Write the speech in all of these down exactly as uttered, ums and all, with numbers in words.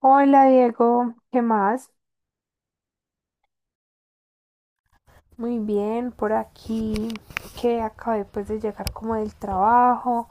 Hola Diego, ¿qué más? Muy bien, por aquí que acabé pues de llegar como del trabajo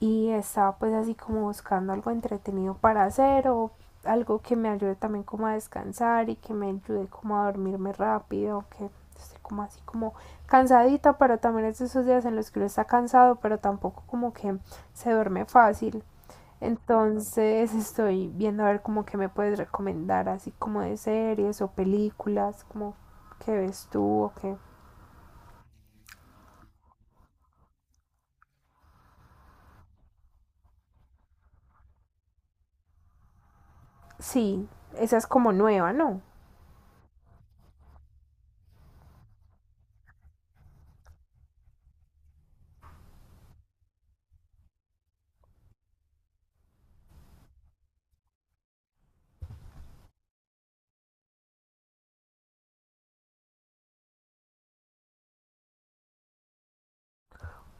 y estaba pues así como buscando algo entretenido para hacer o algo que me ayude también como a descansar y que me ayude como a dormirme rápido, que estoy como así como cansadita, pero también es de esos días en los que uno está cansado, pero tampoco como que se duerme fácil. Entonces estoy viendo a ver como que me puedes recomendar, así como de series o películas, como que ves tú o qué. Sí, esa es como nueva, ¿no?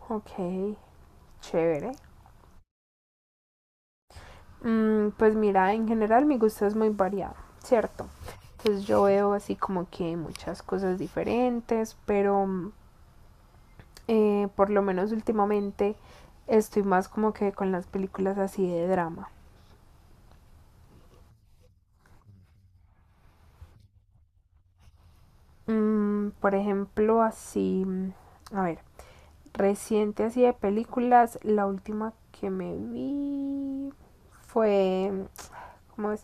Ok, chévere. Mm, pues mira, en general mi gusto es muy variado, ¿cierto? Entonces yo veo así como que muchas cosas diferentes, pero mm, eh, por lo menos últimamente estoy más como que con las películas así de drama. Mm, por ejemplo, así, mm, a ver, reciente así de películas, la última que me vi fue, ¿cómo es?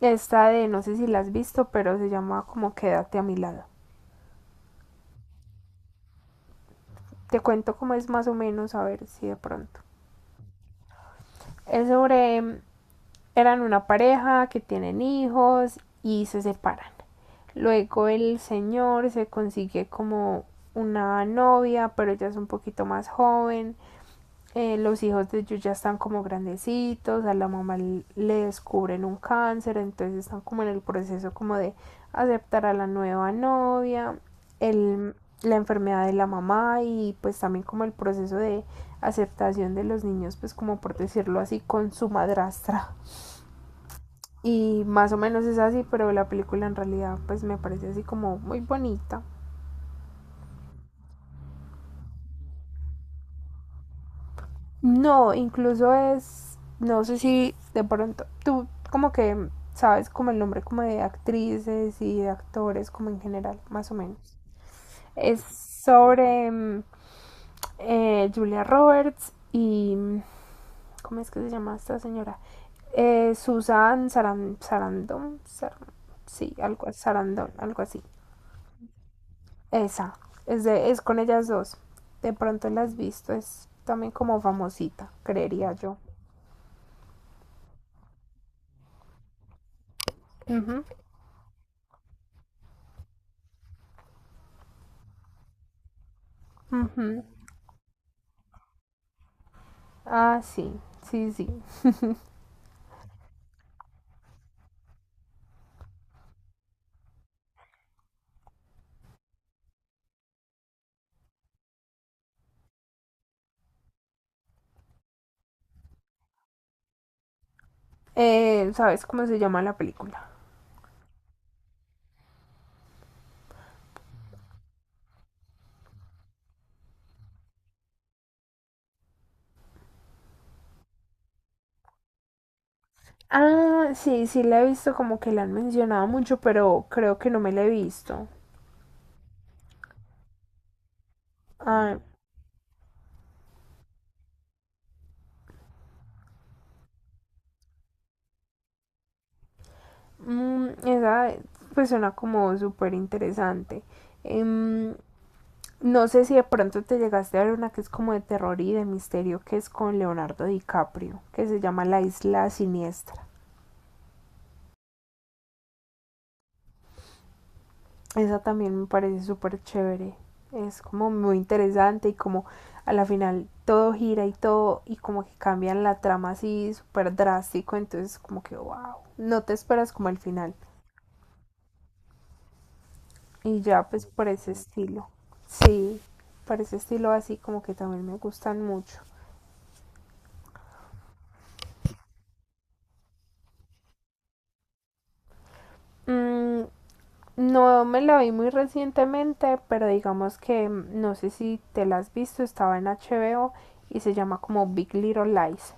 Esta de, no sé si la has visto, pero se llama como Quédate a mi lado. Te cuento cómo es más o menos, a ver si de pronto. Es sobre, eran una pareja que tienen hijos y se separan. Luego el señor se consigue como una novia, pero ella es un poquito más joven eh, los hijos de ellos ya están como grandecitos, a la mamá l- le descubren un cáncer, entonces están como en el proceso como de aceptar a la nueva novia, el, la enfermedad de la mamá y pues también como el proceso de aceptación de los niños, pues como por decirlo así, con su madrastra. Y más o menos es así, pero la película en realidad pues me parece así como muy bonita. No, incluso es, no sé si de pronto, tú como que sabes como el nombre como de actrices y de actores como en general, más o menos. Es sobre mm, eh, Julia Roberts y, mm, ¿cómo es que se llama esta señora? Eh, Susan Saran- Sarandon, Sar- sí, algo, Sarandon, algo así. Esa, es, de, es con ellas dos. De pronto la has visto, es también como famosita, creería yo. Ujú. Ujú. Ah, sí, sí, sí. Eh, ¿sabes cómo se llama la película? Ah, sí, sí la he visto, como que la han mencionado mucho, pero creo que no me la he visto. Ah, mm, esa pues suena como súper interesante. Em, no sé si de pronto te llegaste a ver una que es como de terror y de misterio, que es con Leonardo DiCaprio, que se llama La Isla Siniestra. Esa también me parece súper chévere. Es como muy interesante y como a la final todo gira y todo y como que cambian la trama así súper drástico. Entonces como que wow, no te esperas como el final. Y ya pues por ese estilo. Sí, por ese estilo así como que también me gustan mucho. Mm, no me la vi muy recientemente, pero digamos que mm, no sé si te la has visto, estaba en H B O y se llama como Big Little Lies.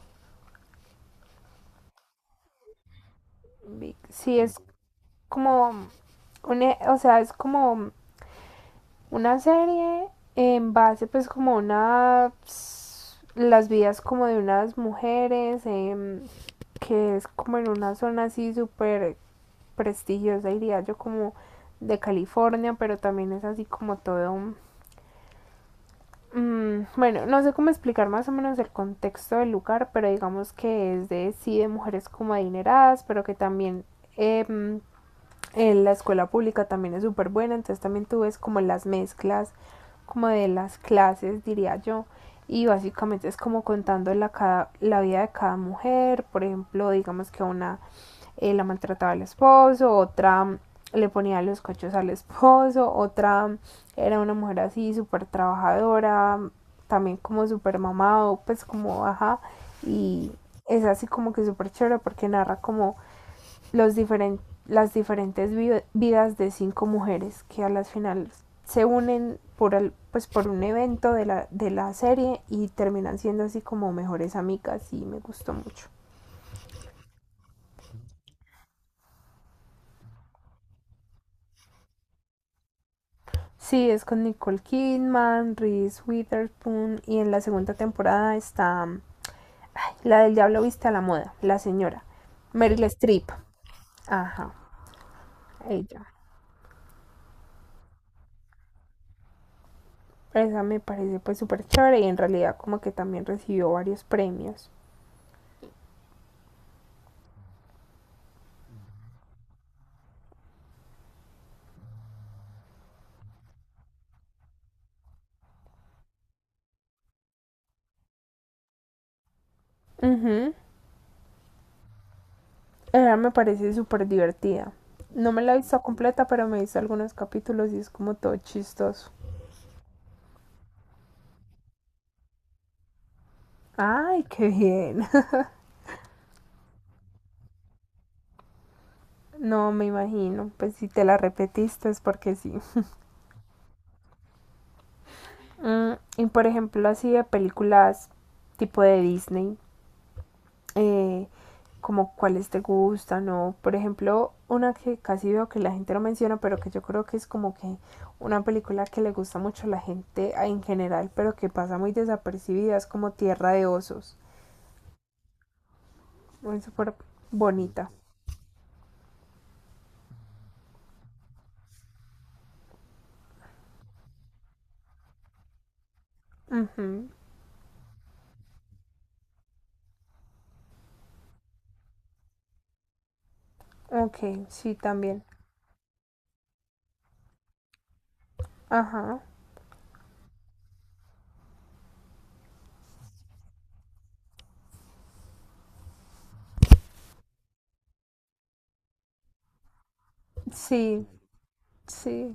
Big- sí, es como una, o sea, es como una serie en base pues como una las vidas como de unas mujeres em, que es como en una zona así súper prestigiosa diría yo como de California, pero también es así como todo un- mm, bueno, no sé cómo explicar más o menos el contexto del lugar, pero digamos que es de sí de mujeres como adineradas, pero que también em, Eh, la escuela pública también es súper buena, entonces también tú ves como las mezclas, como de las clases, diría yo. Y básicamente es como contando la, cada- la vida de cada mujer. Por ejemplo, digamos que una eh, la maltrataba al esposo, otra mm, le ponía los cochos al esposo, otra mm, era una mujer así súper trabajadora, mm, también como súper mamado, pues como ajá. Y es así como que súper chévere porque narra como los diferen- las diferentes vi- vidas de cinco mujeres que a las finales se unen por, al- pues por un evento de la, de la serie y terminan siendo así como mejores amigas y me gustó mucho. Sí, es con Nicole Kidman, Reese Witherspoon y en la segunda temporada está ay, la del Diablo Viste a la Moda, la señora Meryl Streep. Ajá, ella. Esa me parece pues súper chévere y en realidad como que también recibió varios premios. Ujú. Ella me parece súper divertida. No me la he visto completa, pero me he visto algunos capítulos y es como todo chistoso. Ay, qué bien. No, me imagino. Pues si te la repetiste es porque sí. Mm, y por ejemplo, así de películas tipo de Disney, eh, como cuáles te gustan o, por ejemplo, una que casi veo que la gente no menciona, pero que yo creo que es como que una película que le gusta mucho a la gente en general, pero que pasa muy desapercibida, es como Tierra de Osos. Es súper bonita. Ujú. Ok, sí, también. Ajá. Sí, sí,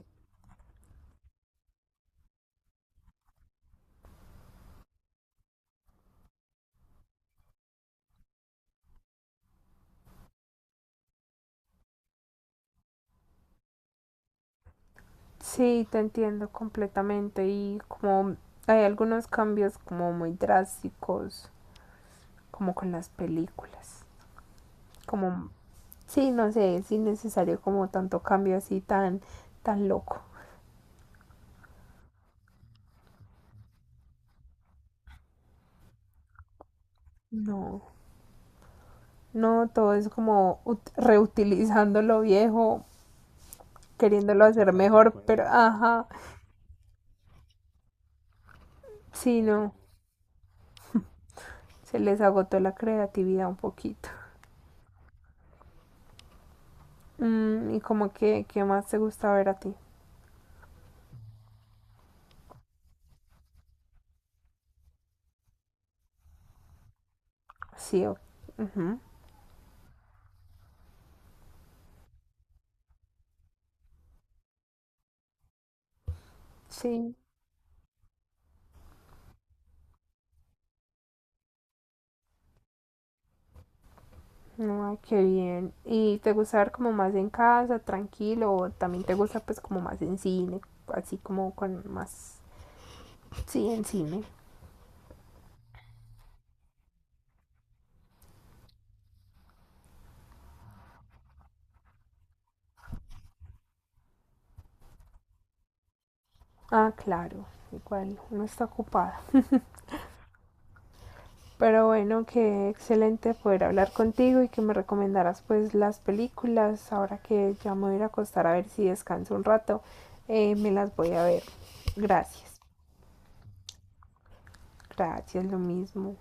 sí, te entiendo completamente. Y como hay algunos cambios como muy drásticos, como con las películas. Como, sí, no sé, es innecesario como tanto cambio así tan, tan loco. No, no, todo es como ut- reutilizando lo viejo, queriéndolo hacer mejor, pero ajá, sí, no. Se les agotó la creatividad un poquito. Mm, y como que, ¿qué más te gusta ver a ti? Sí, o- ujú, sí, ay, qué bien. ¿Y te gusta ver como más en casa, tranquilo, o también te gusta pues como más en cine, así como con más... Sí, en cine. Ah, claro, igual, uno está ocupado. Pero bueno, qué excelente poder hablar contigo y que me recomendaras pues las películas. Ahora que ya me voy a ir a acostar a ver si descanso un rato, eh, me las voy a ver. Gracias. Gracias, lo mismo.